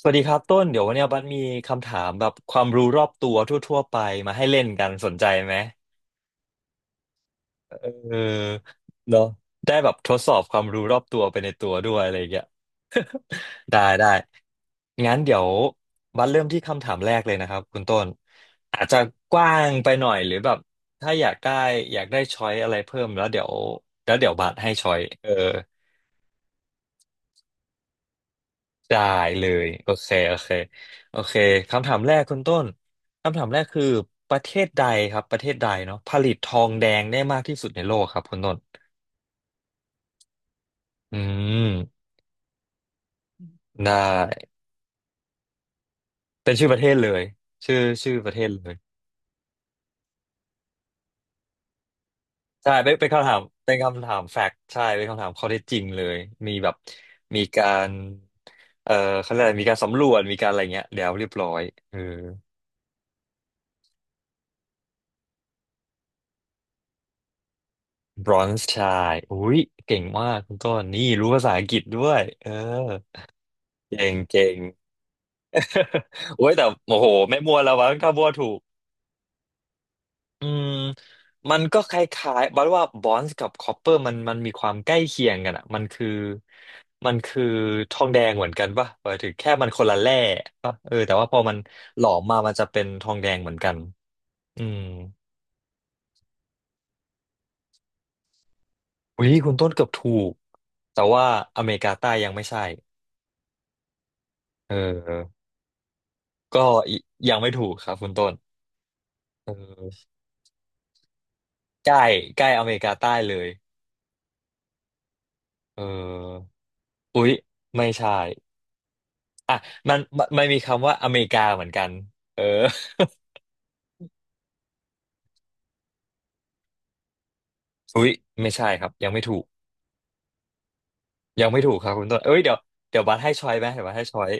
สวัสดีครับต้นเดี๋ยววันเนี้ยบัสมีคำถามแบบความรู้รอบตัวทั่วๆไปมาให้เล่นกันสนใจไหมเออเนาะได้แบบทดสอบความรู้รอบตัวไปในตัวด้วยอะไรอย่างเงี้ยได้ได้งั้นเดี๋ยวบัสเริ่มที่คำถามแรกเลยนะครับคุณต้นอาจจะกว้างไปหน่อยหรือแบบถ้าอยากได้อยากได้ช้อยอะไรเพิ่มแล้วเดี๋ยวแล้วเดี๋ยวบัสให้ช้อยเออ ได้เลยโอเคโอเคโอเคคำถามแรกคุณต้นคำถามแรกคือประเทศใดครับประเทศใดเนาะผลิตทองแดงได้มากที่สุดในโลกครับคุณต้นอืมได้เป็นชื่อประเทศเลยชื่อชื่อประเทศเลยใช่เป็นคำถามเป็นคำถามแฟกต์ใช่เป็นคำถามข้อเท็จจริงเลยมีแบบมีการเอ่อเขาเรียกอะไรมีการสำรวจมีการอะไรเงี้ยแล้วเรียบร้อยเออบรอนซ์ชายอุ้ยเก่งมากคุณต้นนี่รู้ภาษาอังกฤษด้วยเออ เก่งเก่ง โอ้ยแต่โอ้โหไม่มัวแล้ววะถ้ามัวถูกอืมมันก็คล้ายๆบัดว่าบอนซ์กับคอปเปอร์มันมีความใกล้เคียงกันอ่ะมันคือมันคือทองแดงเหมือนกันป่ะหมายถึงแค่มันคนละแร่ป่ะเออแต่ว่าพอมันหลอมมามันจะเป็นทองแดงเหมือนกันอืมอุ้ยคุณต้นเกือบถูกแต่ว่าอเมริกาใต้ยังไม่ใช่เออก็ยยังไม่ถูกครับคุณต้นเออใกล้ใกล้อเมริกาใต้เลยเออ อุ๊ยไม่ใช่อ่ะมันมีคำว่าอเมริกาเหมือนกันเออ อุ๊ยไม่ใช่ครับยังไม่ถูกยังไม่ถูกครับคุณต้น เอ้ยเดี๋ยวเดี๋ยวบัสให้ช้อยไหมเดี๋ยวบัสให้ช้อย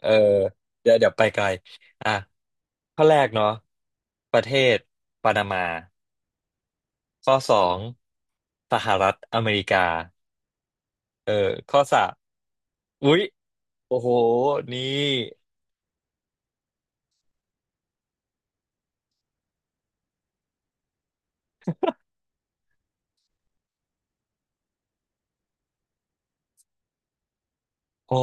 เออเดี๋ยวเดี๋ยวไปไกลอ่ะข้อแรกเนาะประเทศปานามาข้อสองสหรัฐอเมริกาเออข้อสามอุ๊ยโอ้โหนี่โอ้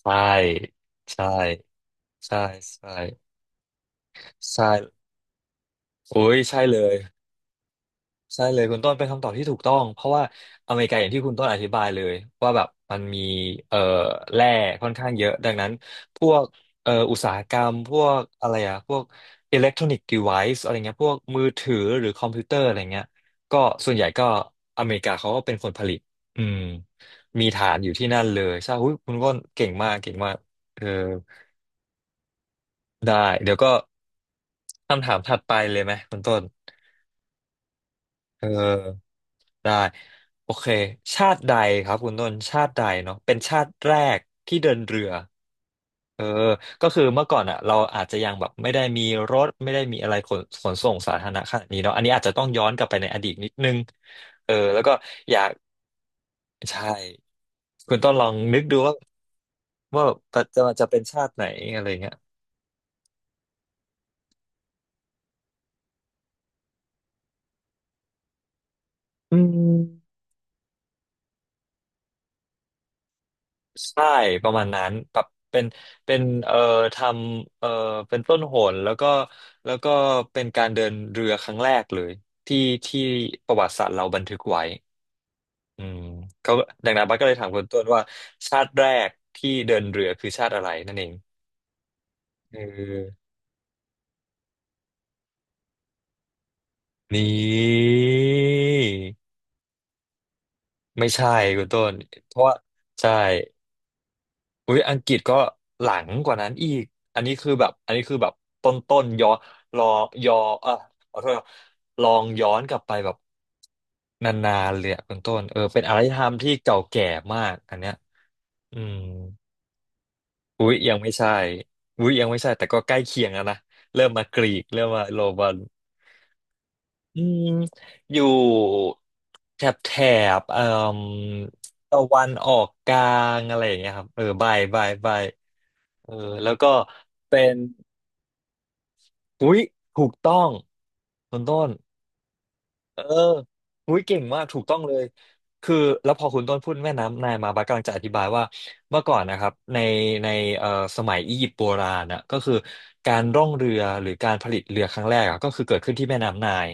ใช่ใช่ใช่ใช่ใช่ โอ้ยใช่เลยใช่เลยคุณต้นเป็นคำตอบที่ถูกต้องเพราะว่าอเมริกาอย่างที่คุณต้นอธิบายเลยว่าแบบมันมีเอ่อแร่ค่อนข้างเยอะดังนั้นพวกอุตสาหกรรมพวกอะไรอะพวกอิเล็กทรอนิกส์ดีไวซ์อะไรเงี้ยพวกมือถือหรือคอมพิวเตอร์อะไรเงี้ยก็ส่วนใหญ่ก็อเมริกาเขาก็เป็นคนผลิตอืมมีฐานอยู่ที่นั่นเลยใช่หุ้ยคุณต้นเก่งมากเก่งมากเออได้เดี๋ยวก็คำถามถัดไปเลยไหมคุณต้นเออ ได้โอเคชาติใดครับคุณต้นชาติใดเนาะเป็นชาติแรกที่เดินเรือเออก็คือเมื่อก่อนอ่ะเราอาจจะยังแบบไม่ได้มีรถไม่ได้มีอะไรขนส่งสาธารณะขนาดนี้เนาะอันนี้อาจจะต้องย้อนกลับไปในอดีตนิดนึงเออแล้วก็อยากใช่คุณต้นลองนึกดูว่าว่าจะเป็นชาติไหนอะไรเงี้ยอืม ใช่ประมาณนั้นแบบเป็นเป็นทำเป็นต้นโหนแล้วก็แล้วก็เป็นการเดินเรือครั้งแรกเลยที่ที่ประวัติศาสตร์เราบันทึกไว้อืมเขาดังนั้นบัสก็เลยถามคุณต้นว่าชาติแรกที่เดินเรือคือชาติอะไรนั่นเองเออนี่ไม่ใช่คุณต้นเพราะว่าใช่ อุ้ยอังกฤษก็หลังกว่านั้นอีก อันนี้คือแบบอันนี้คือแบบต้นย้อนรอย้อเออขอโทษครับลองย้อนกลับไปแบบนานๆเลยอะคุณต้นเออเป็นอารยธรรมที่เก่าแก่มากอันเนี้ยอืมอุ้ยยังไม่ใช่อุ้ยยังไม่ใช่แต่ก็ใกล้เคียงแล้วนะเริ่มมากรีกเริ่มมาโรมันอืมอยู่แถบบเอ่อตะวันออกกลางอะไรอย่างเงี้ยครับเออใบใบใบเออแล้วก็เป็น อุ๊ยถูกต้องคุณต้น เออหุ้ยเก่งมาก ถูกต้องเลยคือแล้วพอคุณต้นพูดแม่น้ำนายมาบัสกำลังจะอธิบายว่า เมื่อก่อนนะครับในในเอ่อสมัยอียิปต์โบราณนะก็คือ การร่องเรือหรือการผลิตเรือครั้งแรกอะก็คือเกิดขึ้นที่แม่น้ำนาย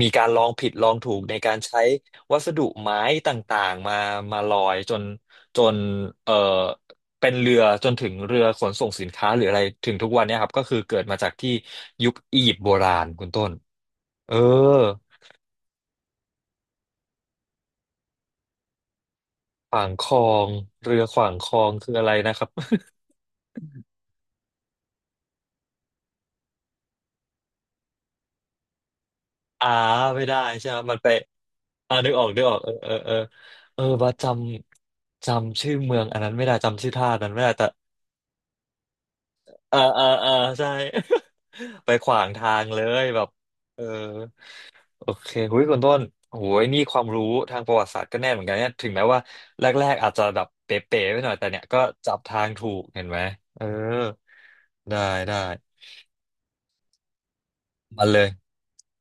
มีการลองผิดลองถูกในการใช้วัสดุไม้ต่างๆมามาลอยจนจนเอ่อเป็นเรือจนถึงเรือขนส่งสินค้าหรืออะไรถึงทุกวันเนี้ยครับก็คือเกิดมาจากที่ยุคอียิปต์โบราณคุณต้นเออ ขวางคลองเรือขวางคลองคืออะไรนะครับ อ่าไม่ได้ใช่ไหมมันไปอ่านึกออกนึกออกเออเออเออเออว่าจำชื่อเมืองอันนั้นไม่ได้จำชื่อท่านั้นไม่ได้แต่เออเออเออใช่ ไปขวางทางเลยแบบเออโอเคหุยคุณต้นโอ้ยนี่ความรู้ทางประวัติศาสตร์ก็แน่นเหมือนกันเนี่ยถึงแม้ว่าแรกๆอาจจะแบบเป๋ๆไปหน่อยแต่เนี่ยก็จับทางถูกเห็นไหมเออได้ได้ มาเลย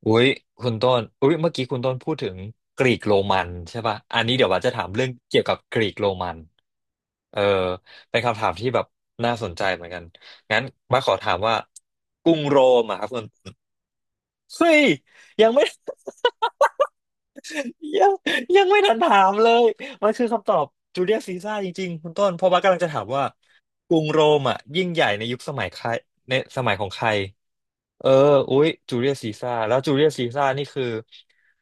อุ้ยคุณต้นอุ้ยเมื่อกี้คุณต้นพูดถึงกรีกโรมันใช่ป่ะอันนี้เดี๋ยวว่าจะถามเรื่องเกี่ยวกับกรีกโรมันเออเป็นคำถามที่แบบน่าสนใจเหมือนกัน งั้นบ้าสขอถามว่ากรุงโรมอะครับคุณเฮ้ยยังไม่ ยังยังไม่ทันถามเลยมันคือคำตอบจูเลียสซีซ่าจริงๆคุณต้นเพราะว่ากำลังจะถามว่ากรุงโรมอะยิ่งใหญ่ในยุคสมัยใครในสมัยของใคร เอออุ๊ยจูเลียสซีซ่าร์แล้วจูเลียสซีซ่าร์นี่คือ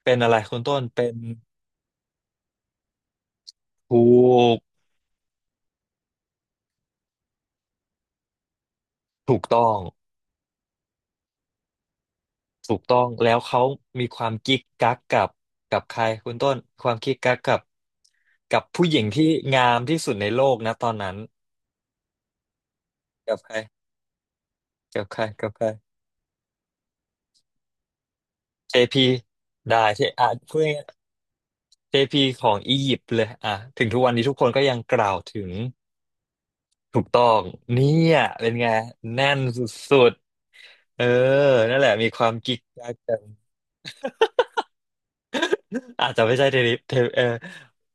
เป็นอะไรคุณต้นเป็นถูกถูกต้องถูกต้องแล้วเขามีความกิ๊กกักกับกับใครคุณต้นความกิ๊กกักกับกับผู้หญิงที่งามที่สุดในโลกนะตอนนั้นกับใครกับใครกับใครเจพีได้ที่อ่ะพูดง่ายๆเจพีของอียิปต์เลยอ่ะถึงทุกวันนี้ทุกคนก็ยังกล่าวถึงถูกต้องเนี่ยเป็นไงแน่นสุด เออ นั่นแหละมีความกิ๊กกักกัน อาจจะไม่ใช่เทริเท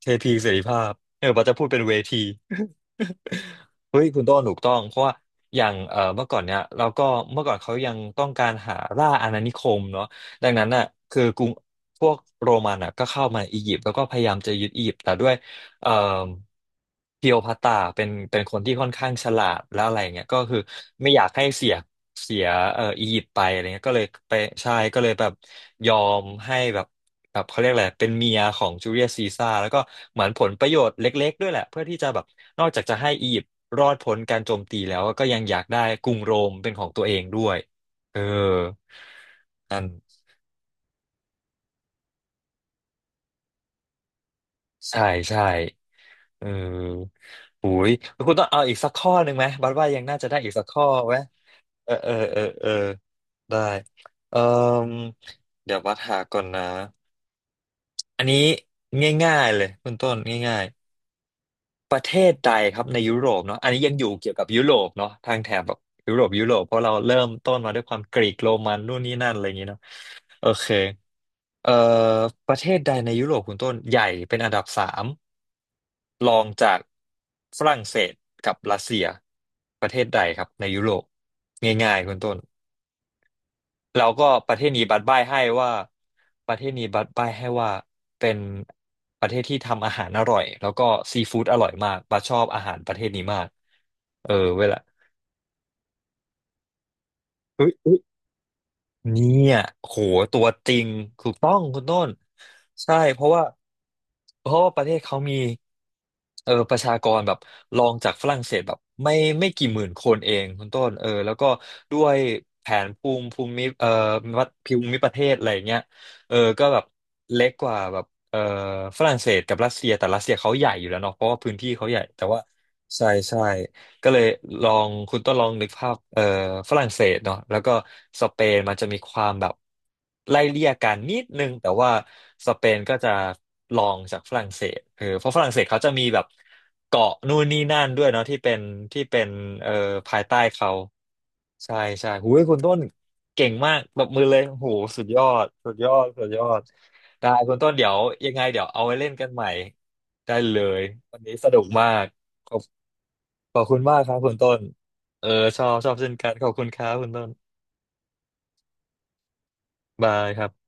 เทพีเสรีภาพเออว่าจะพูดเป็นเวที เฮ้ยคุณโต้นถูกต้องเพราะว่าอย่างเมื่อก่อนเนี่ยเราก็เมื่อก่อนเขายังต้องการหาล่าอาณานิคมเนาะดังนั้นน่ะคือกรุงพวกโรมันอ่ะก็เข้ามาอียิปต์แล้วก็พยายามจะยึดอียิปต์แต่ด้วย เอ่อพีโอพัตตาเป็นคนที่ค่อนข้างฉลาดแล้วอะไรเงี้ยก็คือไม่อยากให้เสียเสียอียิปต์ไปอะไรเงี้ยก็เลยไปใช่ก็เลยแบบยอมให้แบบแบบเขาเรียกอะไรเป็นเมียของจูเลียสซีซ่าร์แล้วก็เหมือนผลประโยชน์เล็กๆด้วยแหละเพื่อที่จะแบบนอกจากจะให้อียิปต์รอดพ้นการโจมตีแล้วก็ยังอยากได้กรุงโรมเป็นของตัวเองด้วยเออนั่น ใช่ใช่เออโอ้ยคุณต้องเอาอีกสักข้อหนึ่งไหมบัดว่ายังน่าจะได้อีกสักข้อไหมเออได้เออเดี๋ยวบัดหาก่อนนะอันนี้ง่ายๆเลยคุณต้นง่ายๆประเทศใดครับในยุโรปเนาะอันนี้ยังอยู่เกี่ยวกับยุโรปเนาะทางแถบแบบยุโรปเพราะเราเริ่มต้นมาด้วยความกรีกโรมันนู่นนี่นั่นอะไรอย่างงี้เนาะโอเคเอ่อประเทศใดในยุโรปคุณต้นใหญ่เป็นอันดับสาม รองจากฝรั่งเศสกับรัสเซียประเทศใดครับในยุโรปง่ายๆคุณต้นแล้วก็ประเทศนี้บัดบ้ายให้ว่าประเทศนี้บัดบ้ายให้ว่าเป็นประเทศที่ทำอาหารอร่อยแล้วก็ซีฟู้ดอร่อยมากบัดชอบอาหารประเทศนี้มากเออเวลาเฮ้ย เนี่ยโหตัวจริงถูกต้องคุณต้นใช่ เพราะว่าเพราะว่าประเทศเขามีเออประชากรแบบรองจากฝรั่งเศสแบบไม่ไม่กี่หมื่นคนเองคุณต้นเออแล้วก็ด้วยแผนภูมิภูมิเอ่อวัดภูมิประเทศอะไรอย่างเงี้ยเออก็แบบเล็กกว่าแบบเอ่อฝรั่งเศสกับรัสเซียแต่รัสเซียเขาใหญ่อยู่แล้วเนาะเพราะว่าพื้นที่เขาใหญ่แต่ว่าใช่ใช่ ก็เลยลองคุณต้องลองนึกภาพฝรั่งเศสเนาะแล้วก็สเปนมันจะมีความแบบไล่เลี่ยกันนิดนึงแต่ว่าสเปนก็จะลองจากฝรั่งเศสเออเพราะฝรั่งเศสเขาจะมีแบบเกาะนู่นนี่นั่นด้วยเนาะที่เป็นที่เป็นเอ่อภายใต้เขาใช่ใช่หูยคุณต้นเก่งมากปรบมือเลยโหสุดยอดสุดยอดสุดยอดได้คุณต้นเดี๋ยวยังไงเดี๋ยวเอาไว้เล่นกันใหม่ได้เลยวันนี้สนุกมาก ขอบคุณมากครับคุณต้นเออชอบชอบเช่นกันขอบคุณครับคุณต้น บายครับ